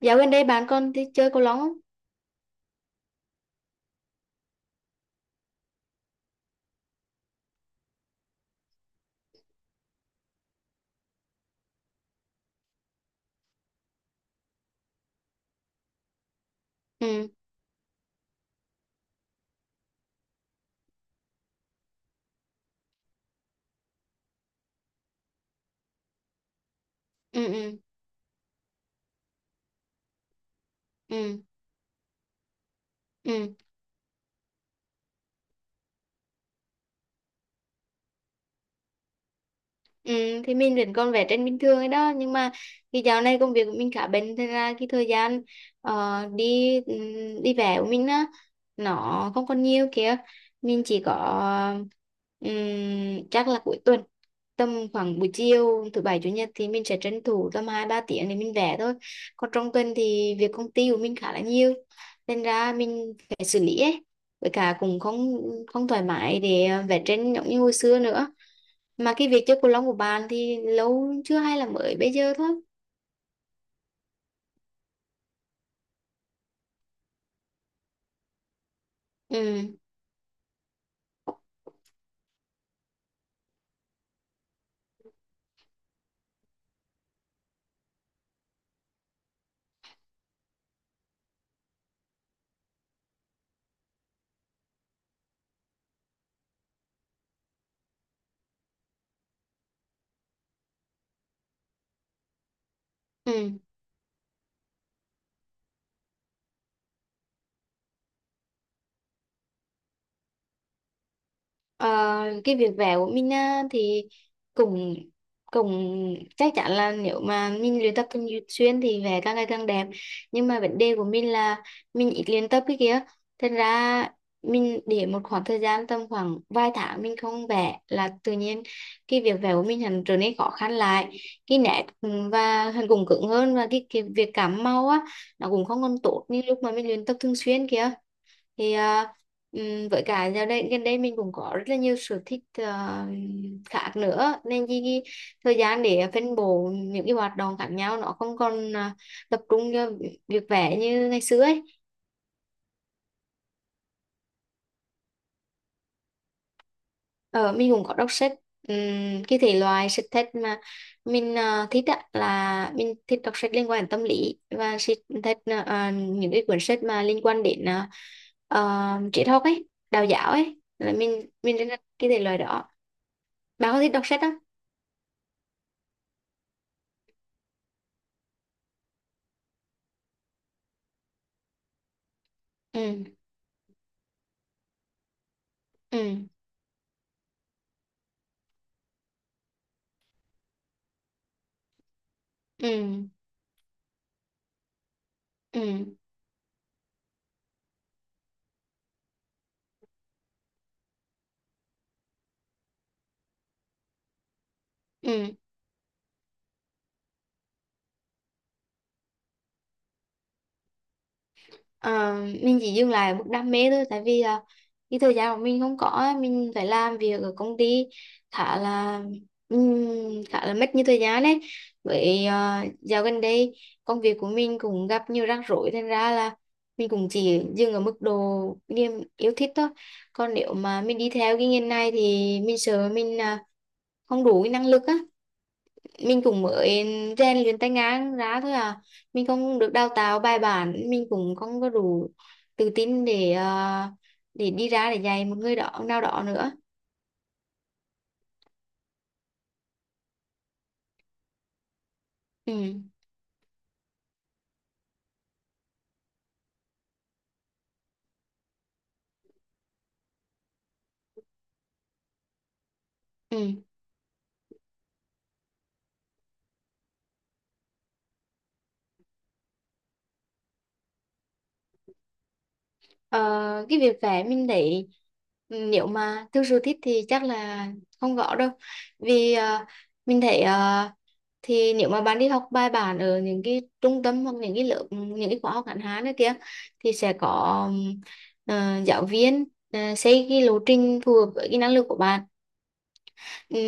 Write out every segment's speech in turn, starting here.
Dạo gần đây bạn con đi chơi cầu lông không? Ừ, ừ, ừ, ừ, ừ. Ừ, thì mình vẫn còn vẽ tranh bình thường ấy đó nhưng mà cái dạo này công việc của mình khá bận thế ra cái thời gian ờ, đi đi vẽ của mình á nó không còn nhiều kìa mình chỉ có chắc là cuối tuần tầm khoảng buổi chiều thứ bảy chủ nhật thì mình sẽ tranh thủ tầm 2 3 tiếng để mình vẽ thôi còn trong tuần thì việc công ty của mình khá là nhiều nên ra mình phải xử lý ấy với cả cũng không không thoải mái để vẽ tranh giống như hồi xưa nữa mà cái việc chơi cầu lông của bạn thì lâu chưa hay là mới bây giờ thôi ừ ừ Ờ, cái việc vẽ của mình á, thì cũng cũng chắc chắn là nếu mà mình luyện tập thường xuyên thì vẽ càng ngày càng đẹp nhưng mà vấn đề của mình là mình ít luyện tập cái kia thành ra mình để một khoảng thời gian tầm khoảng vài tháng mình không vẽ là tự nhiên cái việc vẽ của mình hẳn trở nên khó khăn lại cái nét và hẳn cũng cứng hơn và cái việc cảm màu á nó cũng không còn tốt như lúc mà mình luyện tập thường xuyên kia thì với cả giờ đây gần đây mình cũng có rất là nhiều sở thích khác nữa nên cái thời gian để phân bổ những cái hoạt động khác nhau nó không còn tập trung cho việc vẽ như ngày xưa ấy ờ, mình cũng có đọc sách. Cái thể loại sách thích mà mình thích á, là mình thích đọc sách liên quan đến tâm lý và sách thích những cái cuốn sách mà liên quan đến triết học ấy đạo giáo ấy là mình rất là cái thể loại đó bạn có thích đọc sách không ừ ừ ừ ừ ừ Ờ, mình chỉ dừng lại ở mức đam mê thôi tại vì là cái thời gian của mình không có á, mình phải làm việc ở công ty khá là khá là mất nhiều thời gian đấy với dạo gần đây công việc của mình cũng gặp nhiều rắc rối thành ra là mình cũng chỉ dừng ở mức độ niềm yêu thích thôi còn nếu mà mình đi theo cái ngành này thì mình sợ mình không đủ cái năng lực á mình cũng mới rèn luyện tay ngang ra thôi à mình không được đào tạo bài bản mình cũng không có đủ tự tin để đi ra để dạy một người đó nào đó nữa ừ ừ Ờ, cái việc vẽ mình thấy nếu mà thực sự thích thì chắc là không gõ đâu vì mình thấy thì nếu mà bạn đi học bài bản ở những cái trung tâm hoặc những cái lớp những cái khóa học ngắn hạn này kia thì sẽ có ừm, giáo viên xây cái lộ trình phù hợp với cái năng lực của bạn. Ừ,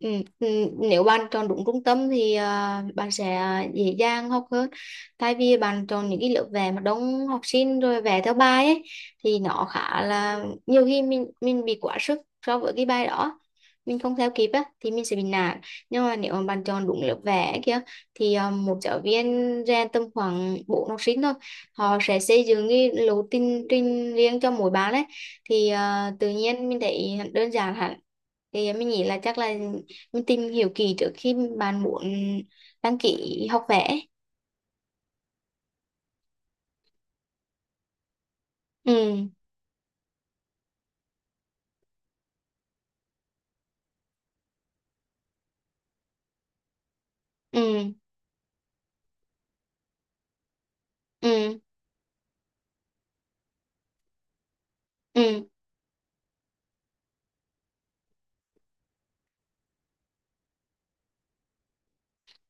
ừ, ừ, nếu bạn chọn đúng trung tâm thì bạn sẽ dễ dàng học hơn tại vì bạn chọn những cái lớp vẽ mà đông học sinh rồi vẽ theo bài ấy thì nó khá là nhiều khi mình bị quá sức so với cái bài đó mình không theo kịp á thì mình sẽ bị nản nhưng mà nếu mà bạn chọn đúng lớp vẽ kia thì một giáo viên rèn tầm khoảng bốn học sinh thôi họ sẽ xây dựng cái lộ trình trình riêng cho mỗi bạn ấy thì tự nhiên mình thấy đơn giản hẳn thì mình nghĩ là chắc là mình tìm hiểu kỹ trước khi bạn muốn đăng ký học vẽ ừ ừ ừ ừ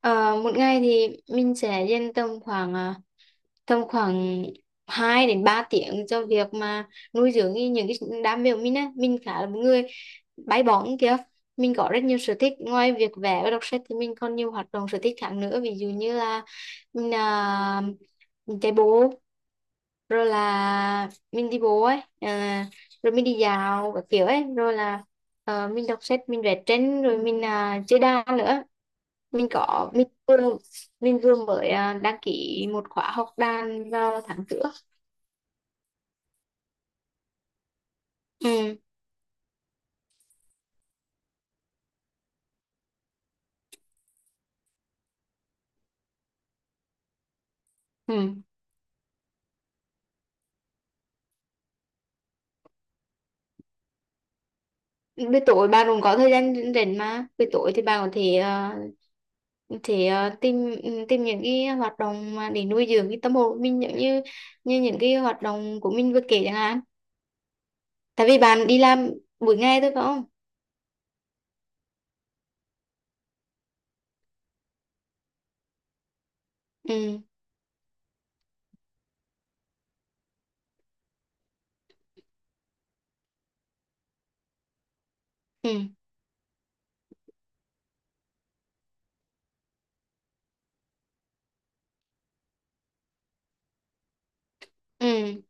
Ờ, một ngày thì mình sẽ dành tầm khoảng 2 đến 3 tiếng cho việc mà nuôi dưỡng những cái đam mê của mình á mình khá là một người bay bổng kìa mình có rất nhiều sở thích ngoài việc vẽ và đọc sách thì mình còn nhiều hoạt động sở thích khác nữa ví dụ như là mình, à, mình chạy bộ rồi là mình đi bộ ấy rồi mình đi dạo các kiểu ấy rồi là mình đọc sách mình vẽ tranh rồi mình chơi đàn nữa mình có mình vừa mình vừa mới đăng ký một khóa học đàn vào tháng trước ừ, ừ. Buổi tối bạn cũng có thời gian rảnh mà buổi tối thì bạn có thể tìm những cái hoạt động mà để nuôi dưỡng cái tâm hồn của mình giống như như những cái hoạt động của mình vừa kể chẳng hạn tại vì bạn đi làm buổi ngày thôi phải không ừ ừ ừ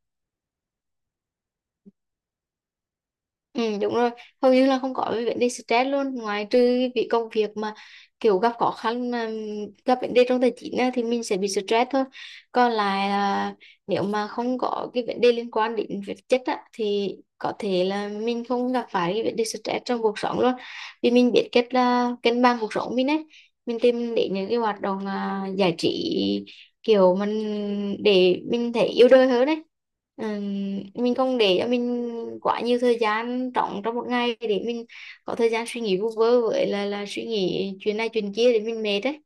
ừ đúng rồi hầu như là không có cái vấn đề stress luôn ngoài trừ cái việc công việc mà kiểu gặp khó khăn mà gặp vấn đề trong tài chính á, thì mình sẽ bị stress thôi còn lại là nếu mà không có cái vấn đề liên quan đến vật chất á, thì có thể là mình không gặp phải cái vấn đề stress trong cuộc sống luôn vì mình biết cách là cân bằng cuộc sống mình ấy mình tìm đến những cái hoạt động giải trí kiểu mình để mình thấy yêu đời hơn đấy. Mình không để cho mình quá nhiều thời gian trống trong một ngày để mình có thời gian suy nghĩ vu vơ với là suy nghĩ chuyện này chuyện kia để mình mệt đấy.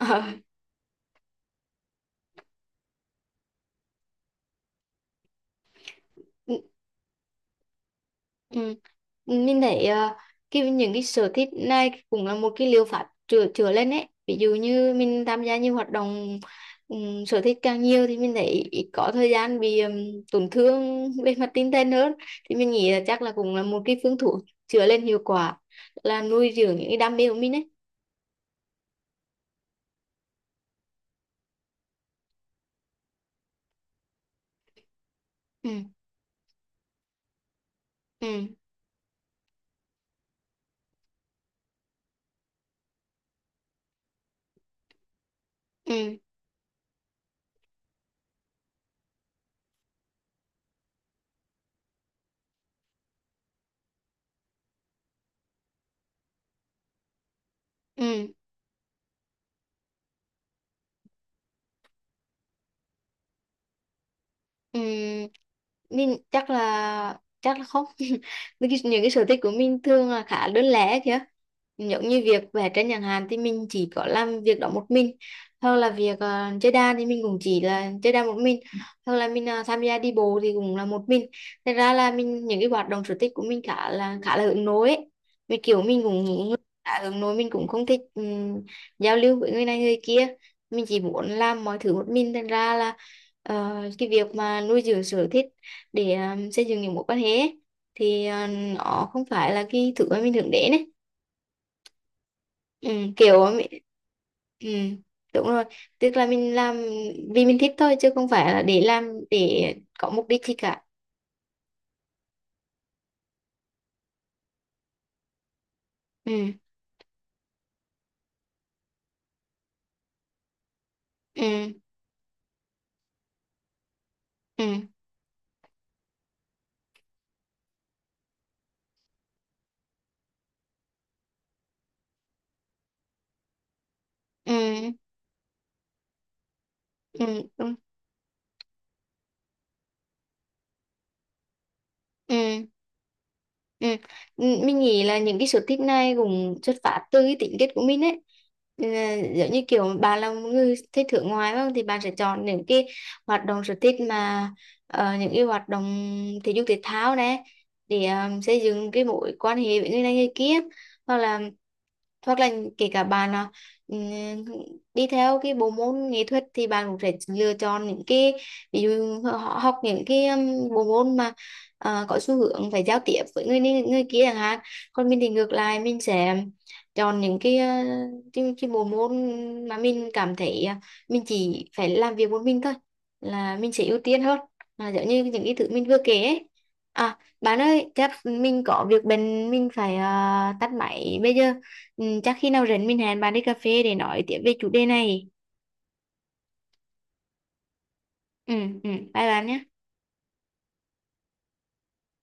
Ừ. Mình thấy những cái sở thích này cũng là một cái liệu pháp chữa chữa lên ấy ví dụ như mình tham gia nhiều hoạt động sở thích càng nhiều thì mình thấy ít có thời gian bị tổn thương về mặt tinh thần hơn thì mình nghĩ là chắc là cũng là một cái phương thuốc chữa lên hiệu quả là nuôi dưỡng những cái đam mê của mình ấy ừ ừ ừ ừ Ừm, mình chắc là không. Những cái sở thích của mình thường là khá đơn lẻ kìa giống như việc vẽ tranh chẳng hạn thì mình chỉ có làm việc đó một mình hoặc là việc chơi đàn thì mình cũng chỉ là chơi đàn một mình hoặc là mình tham gia đi bộ thì cũng là một mình thật ra là mình những cái hoạt động sở thích của mình khá là hướng nội ấy vì kiểu mình cũng khá hướng nội mình cũng không thích giao lưu với người này người kia mình chỉ muốn làm mọi thứ một mình thành ra là Ờ, cái việc mà nuôi dưỡng sở thích để xây dựng những mối quan hệ ấy, thì nó không phải là cái thứ mà mình hướng đến ấy ừ, kiểu ừ, đúng rồi tức là mình làm vì mình thích thôi chứ không phải là để làm để có mục đích gì cả ừ, ừ, ừ, ừ, ừ, ừ, đúng, ừ. Ừ. Mình nghĩ là những cái sở thích này cũng xuất phát từ cái tính kết của mình ấy. Ừ, giống như kiểu bạn là một người thích thưởng ngoài phải không? Thì bạn sẽ chọn những cái hoạt động sở thích mà những cái hoạt động thể dục thể thao này để xây dựng cái mối quan hệ với người này người kia hoặc là hoặc là kể cả bạn là ừ, đi theo cái bộ môn nghệ thuật thì bạn cũng sẽ lựa chọn những cái ví dụ họ học những cái bộ môn mà có xu hướng phải giao tiếp với người này người kia chẳng hạn còn mình thì ngược lại mình sẽ chọn những cái cái bộ môn mà mình cảm thấy mình chỉ phải làm việc một mình thôi là mình sẽ ưu tiên hơn là giống như những cái thứ mình vừa kể ấy. À, bạn ơi, chắc mình có việc bận mình phải tắt máy bây giờ. Ừ, chắc khi nào rảnh mình hẹn bạn đi cà phê để nói tiếp về chủ đề này. Ừ, ừ, bye bạn nhé.